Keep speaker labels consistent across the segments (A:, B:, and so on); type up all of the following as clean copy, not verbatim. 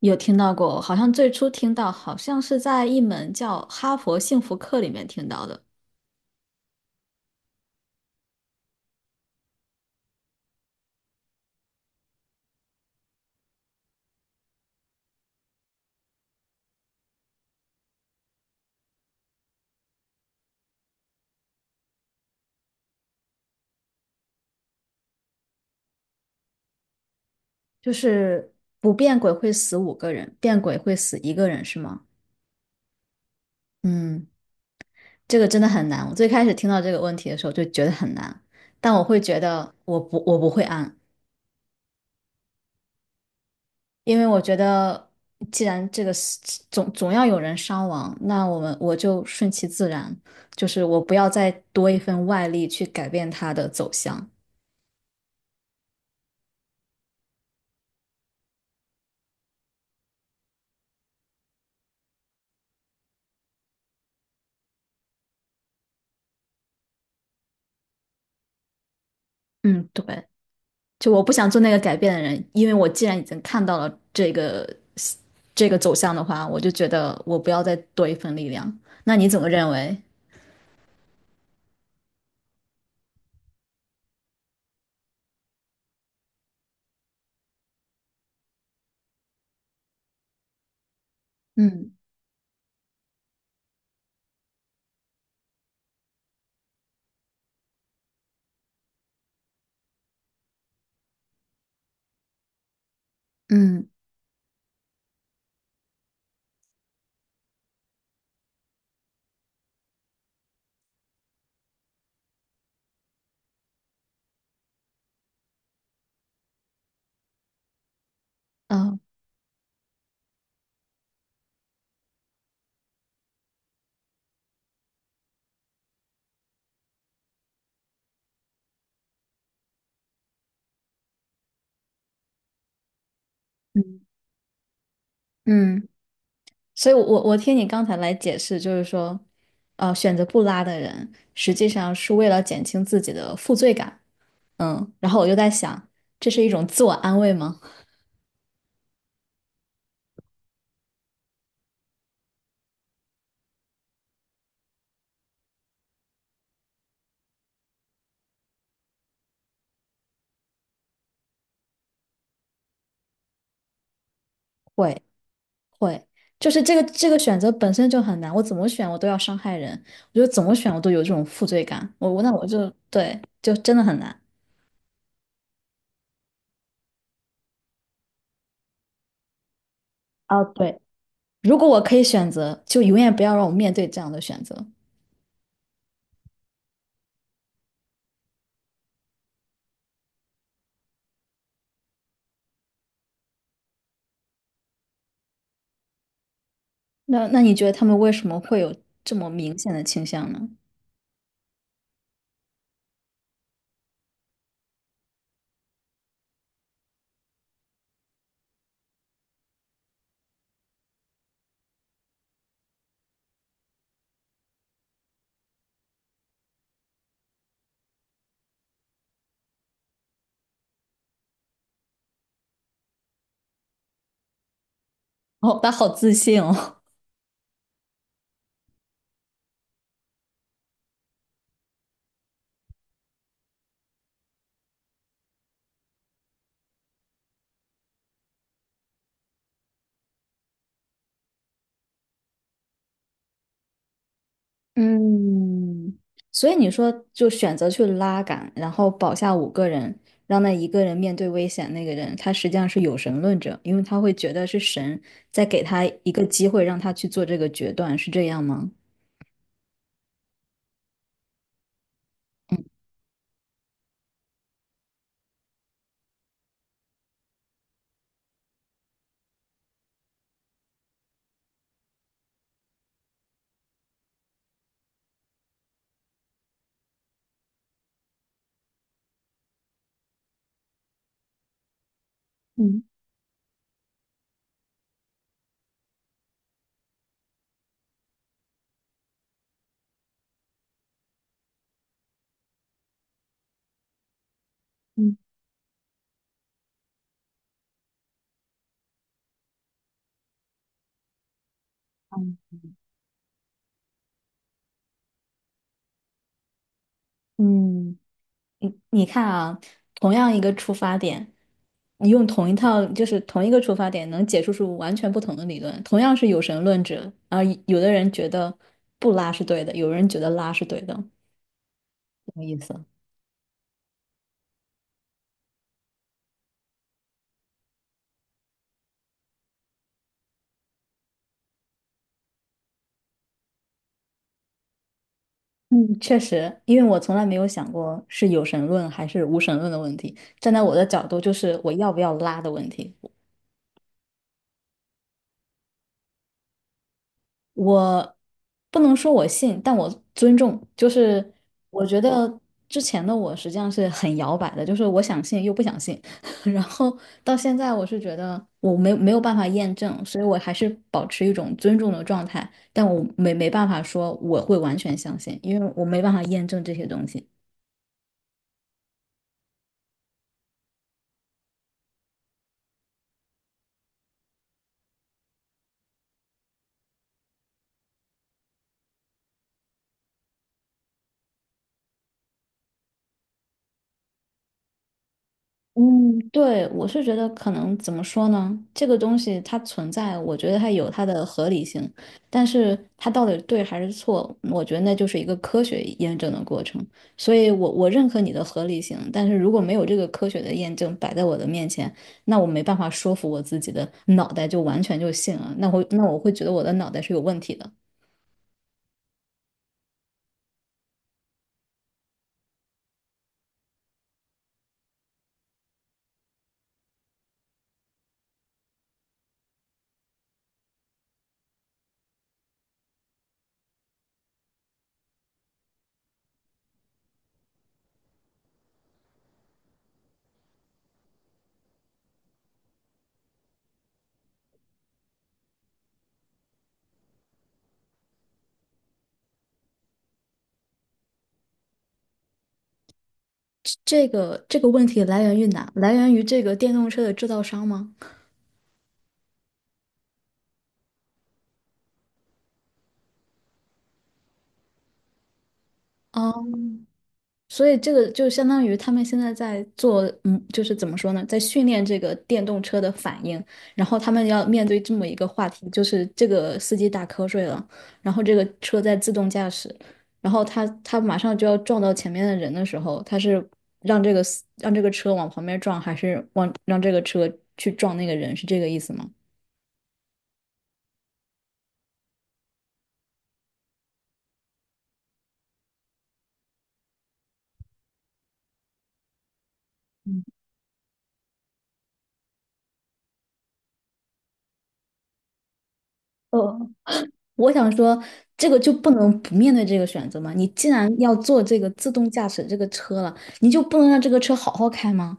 A: 有听到过，好像最初听到，好像是在一门叫《哈佛幸福课》里面听到的。就是不变鬼会死五个人，变鬼会死一个人，是吗？嗯，这个真的很难。我最开始听到这个问题的时候就觉得很难，但我会觉得我不会按。因为我觉得既然这个是总要有人伤亡，那我就顺其自然，就是我不要再多一份外力去改变它的走向。嗯，对。就我不想做那个改变的人，因为我既然已经看到了这个走向的话，我就觉得我不要再多一份力量。那你怎么认为？嗯。嗯。啊。嗯。嗯。所以我听你刚才来解释，就是说，选择不拉的人，实际上是为了减轻自己的负罪感。嗯，然后我就在想，这是一种自我安慰吗？会。会，就是这个选择本身就很难，我怎么选我都要伤害人。我觉得怎么选我都有这种负罪感，那我就对，就真的很难。啊，对。如果我可以选择，就永远不要让我面对这样的选择。那你觉得他们为什么会有这么明显的倾向呢？哦，他好自信哦。嗯，所以你说就选择去拉杆，然后保下五个人，让那一个人面对危险。那个人他实际上是有神论者，因为他会觉得是神在给他一个机会，让他去做这个决断，是这样吗？嗯。嗯，你你看啊，同样一个出发点，你用同一套就是同一个出发点，能解释出完全不同的理论。同样是有神论者，啊，有的人觉得不拉是对的，有人觉得拉是对的，什么意思？嗯，确实，因为我从来没有想过是有神论还是无神论的问题。站在我的角度，就是我要不要拉的问题。我不能说我信，但我尊重。就是我觉得之前的我实际上是很摇摆的，就是我想信又不想信。然后到现在，我是觉得我没有办法验证，所以我还是保持一种尊重的状态。但我没办法说我会完全相信，因为我没办法验证这些东西。嗯，对。我是觉得可能怎么说呢？这个东西它存在，我觉得它有它的合理性。但是它到底对还是错，我觉得那就是一个科学验证的过程。所以我，我认可你的合理性，但是如果没有这个科学的验证摆在我的面前，那我没办法说服我自己的脑袋就完全就信了。那会那我会觉得我的脑袋是有问题的。这这个问题来源于哪？来源于这个电动车的制造商吗？哦，所以这个就相当于他们现在在做，嗯，就是怎么说呢，在训练这个电动车的反应，然后他们要面对这么一个话题，就是这个司机打瞌睡了，然后这个车在自动驾驶，然后他马上就要撞到前面的人的时候，他是让这个车往旁边撞，还是往让这个车去撞那个人，是这个意思吗？哦，我想说，这个就不能不面对这个选择吗？你既然要做这个自动驾驶这个车了，你就不能让这个车好好开吗？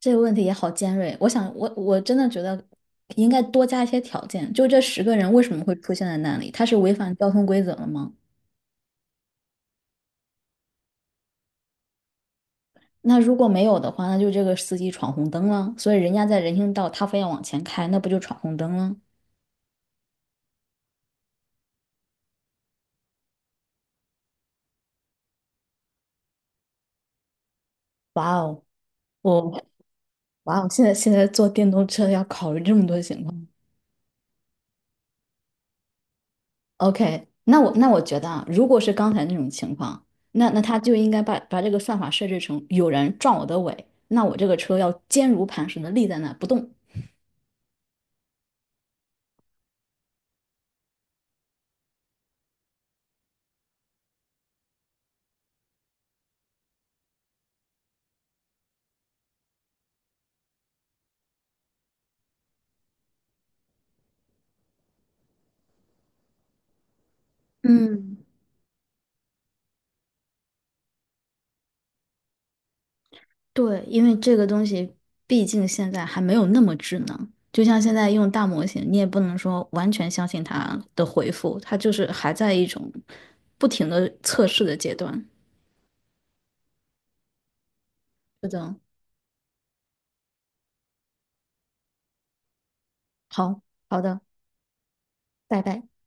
A: 这个问题也好尖锐。我想，我真的觉得应该多加一些条件，就这十个人为什么会出现在那里？他是违反交通规则了吗？那如果没有的话，那就这个司机闯红灯了。所以人家在人行道，他非要往前开，那不就闯红灯了？哇哦，我哇哦，现在现在坐电动车要考虑这么多情况。OK，那我觉得啊，如果是刚才那种情况，那他就应该把这个算法设置成有人撞我的尾，那我这个车要坚如磐石的立在那不动。嗯，对。因为这个东西毕竟现在还没有那么智能，就像现在用大模型，你也不能说完全相信它的回复，它就是还在一种不停的测试的阶段。是的。好，好的。拜拜。